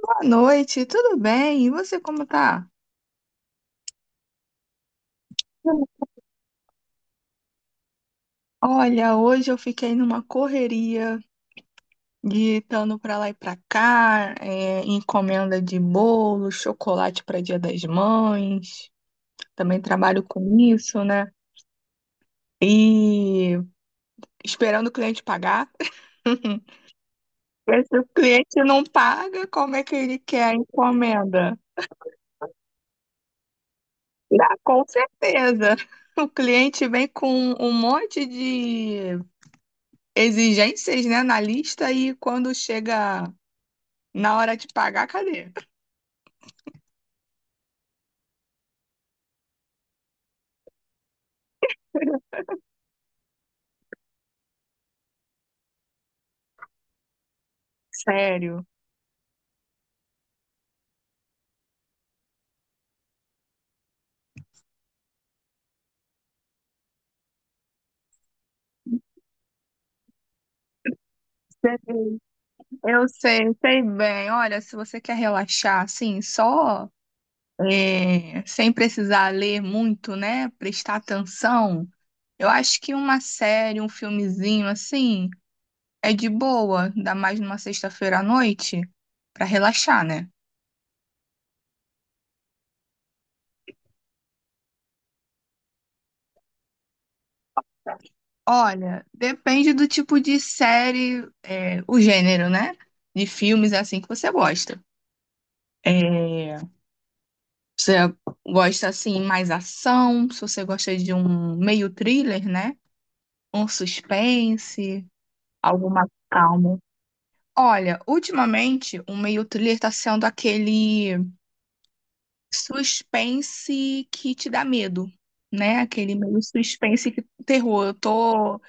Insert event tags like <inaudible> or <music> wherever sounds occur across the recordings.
Boa noite, tudo bem? E você como tá? Olha, hoje eu fiquei numa correria de estando para lá e para cá, encomenda de bolo, chocolate para Dia das Mães. Também trabalho com isso, né? E esperando o cliente pagar. <laughs> Se o cliente não paga, como é que ele quer a encomenda? Ah, com certeza. <laughs> O cliente vem com um monte de exigências, né, na lista e quando chega na hora de pagar, cadê? Sério. Eu sei, bem. Olha, se você quer relaxar assim, só sem precisar ler muito, né, prestar atenção, eu acho que uma série, um filmezinho assim, é de boa, ainda mais numa sexta-feira à noite, pra relaxar, né? Olha, depende do tipo de série, o gênero, né? De filmes assim que você gosta. É, você gosta assim mais ação? Se você gosta de um meio thriller, né? Um suspense, algo mais calmo. Olha, ultimamente o meio thriller tá sendo aquele suspense que te dá medo, né? Aquele meio suspense que terror. Eu tô,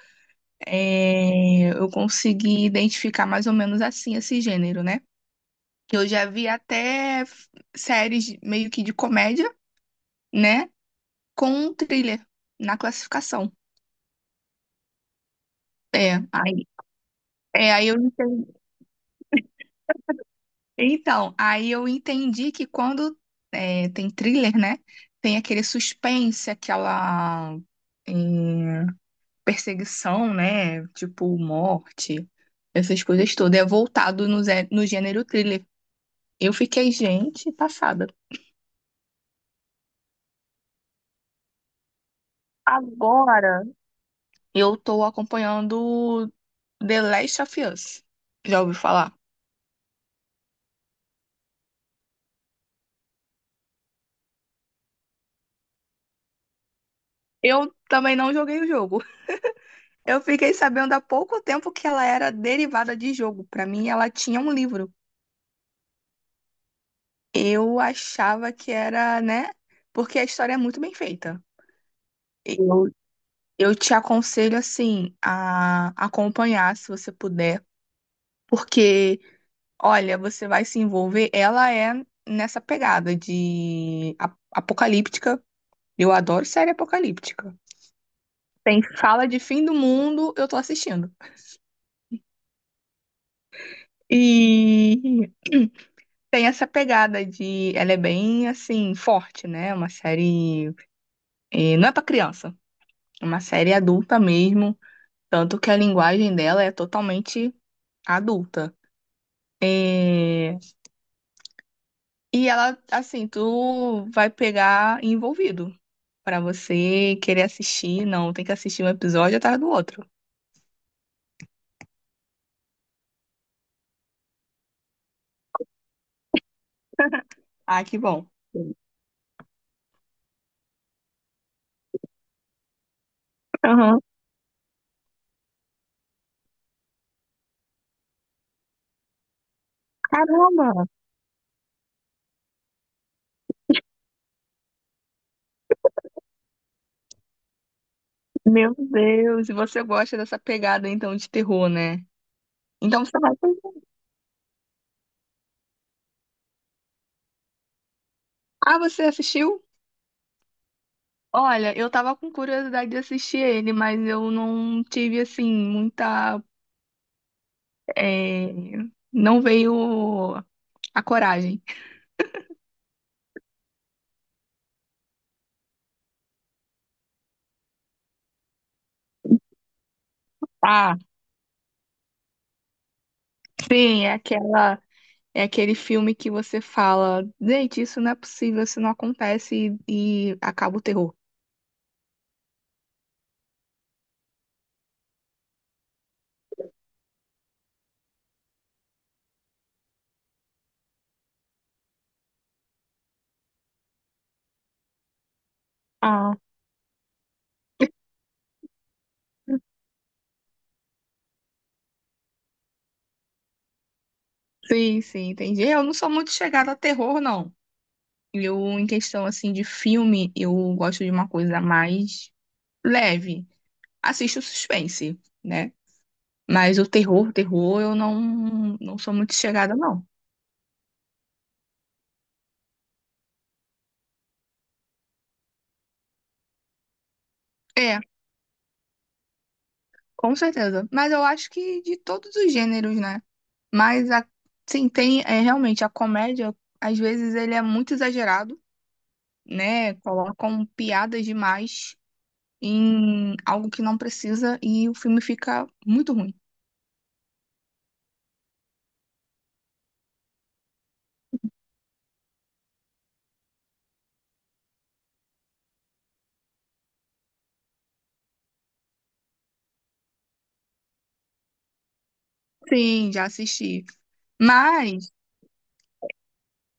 é, Eu consegui identificar mais ou menos assim esse gênero, né? Eu já vi até séries meio que de comédia, né? Com thriller na classificação. É, aí, aí eu entendi. Então, aí eu entendi que quando tem thriller, né? Tem aquele suspense, aquela é, perseguição, né? Tipo, morte, essas coisas todas. É voltado no, no gênero thriller. Eu fiquei, gente, passada. Agora eu tô acompanhando The Last of Us. Já ouviu falar? Eu também não joguei o jogo. Eu fiquei sabendo há pouco tempo que ela era derivada de jogo. Pra mim, ela tinha um livro. Eu achava que era, né? Porque a história é muito bem feita. Eu, eu te aconselho, assim, a acompanhar, se você puder. Porque, olha, você vai se envolver. Ela é nessa pegada de apocalíptica. Eu adoro série apocalíptica. Tem fala de fim do mundo, eu tô assistindo. E tem essa pegada de. Ela é bem, assim, forte, né? É uma série. Não é pra criança, é uma série adulta mesmo. Tanto que a linguagem dela é totalmente adulta. Eh, E ela, assim, tu vai pegar envolvido. Pra você querer assistir, não, tem que assistir um episódio atrás do outro. Ah, que bom. Aham. Caramba, meu Deus, e você gosta dessa pegada então de terror, né? Então você vai. Ah, você assistiu? Olha, eu tava com curiosidade de assistir ele, mas eu não tive, assim, muita. é, Não veio a coragem. Ah, sim, é aquela. É aquele filme que você fala, gente, isso não é possível, isso não acontece e acaba o terror. Ah, sim, sim, entendi. Eu não sou muito chegada a terror, não. Eu, em questão, assim, de filme, eu gosto de uma coisa mais leve. Assisto suspense, né? Mas o terror, terror, eu não, não sou muito chegada, não. É, com certeza. Mas eu acho que de todos os gêneros, né? Mas, a, sim, tem, é, realmente, a comédia, às vezes, ele é muito exagerado, né? Colocam piadas demais em algo que não precisa e o filme fica muito ruim. Sim, já assisti. Mas,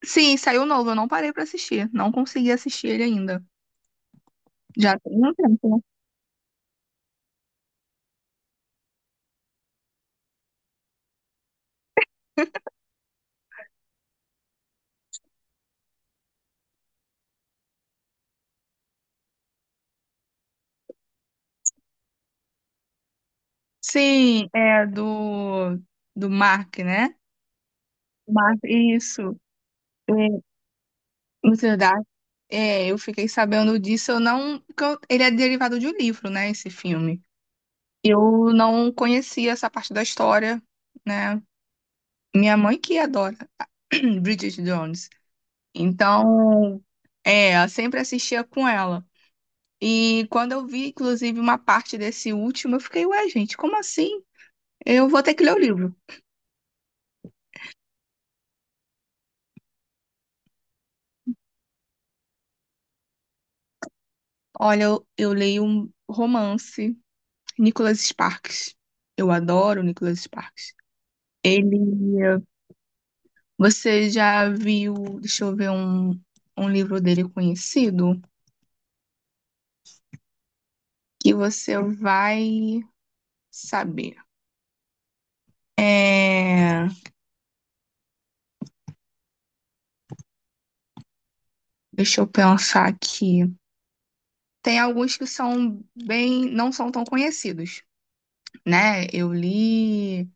sim, saiu novo, eu não parei pra assistir. Não consegui assistir ele ainda. Já tem um tempo, né? Sim, é do Mark, né? Mas isso, é, na verdade, eu fiquei sabendo disso, eu não, porque ele é derivado de um livro, né, esse filme. Eu não conhecia essa parte da história, né? Minha mãe que adora <clears throat> Bridget Jones. Então, eu sempre assistia com ela. E quando eu vi, inclusive, uma parte desse último, eu fiquei, ué, gente, como assim? Eu vou ter que ler o livro. Olha, eu leio um romance, Nicholas Sparks. Eu adoro Nicholas Sparks. Ele, você já viu, deixa eu ver um, um livro dele conhecido que você vai saber. É, deixa eu pensar aqui. Tem alguns que são bem, não são tão conhecidos, né? Eu li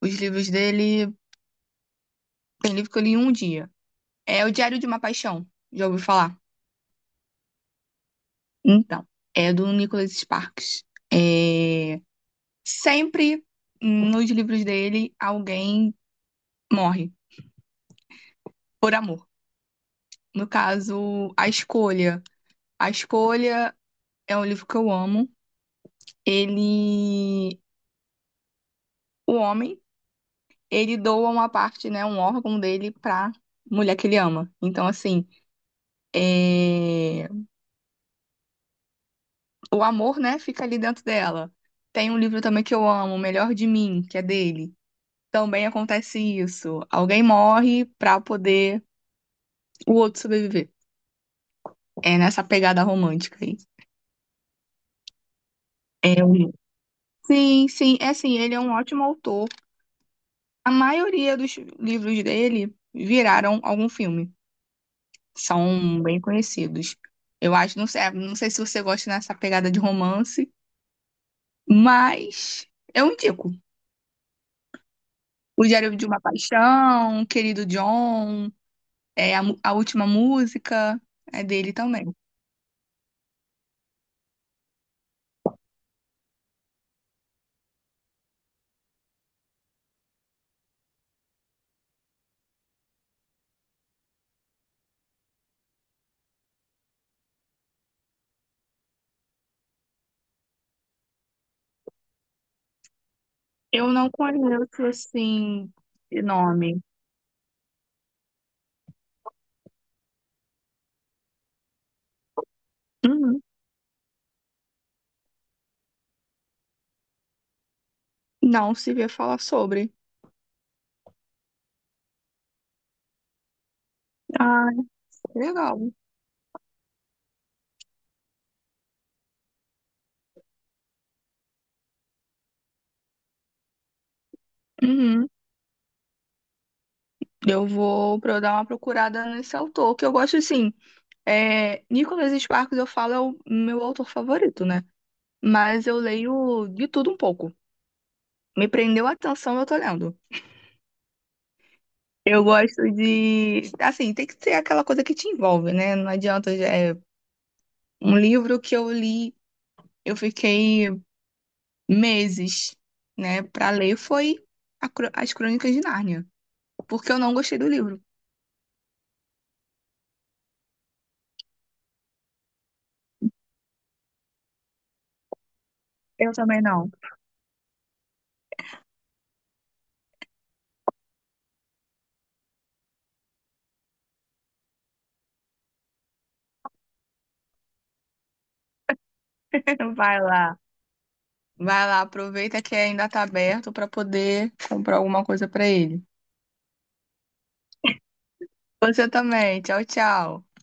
os livros dele, tem livro que eu li em um dia. É O Diário de uma Paixão, já ouviu falar? Então, é do Nicholas Sparks. É, sempre nos livros dele alguém morre. Por Amor. No caso, A Escolha. A Escolha é um livro que eu amo. Ele, o homem, ele doa uma parte, né, um órgão dele pra mulher que ele ama. Então, assim, é, o amor, né, fica ali dentro dela. Tem um livro também que eu amo, O Melhor de Mim, que é dele. Também acontece isso. Alguém morre pra poder o outro sobreviver. É nessa pegada romântica aí. É um- Sim, sim, é assim, ele é um ótimo autor. A maioria dos livros dele viraram algum filme. São bem conhecidos. Eu acho, não sei, não sei se você gosta dessa pegada de romance, mas eu indico. O Diário de uma Paixão, Querido John, A Última Música é dele também. Eu não conheço, assim, de nome. Uhum. Não se vê falar sobre. Ah, legal. Uhum. Dar uma procurada nesse autor, que eu gosto, assim, é, Nicholas Sparks, eu falo, é o meu autor favorito, né? Mas eu leio de tudo um pouco. Me prendeu a atenção, eu tô lendo. Eu gosto de. Assim, tem que ser aquela coisa que te envolve, né? Não adianta. É um livro que eu li, eu fiquei meses, né, pra ler, foi a As Crônicas de Nárnia. Porque eu não gostei do livro. Eu também não. <laughs> Vai lá. Vai lá, aproveita que ainda tá aberto pra poder comprar alguma coisa pra ele. Você também. Tchau, tchau.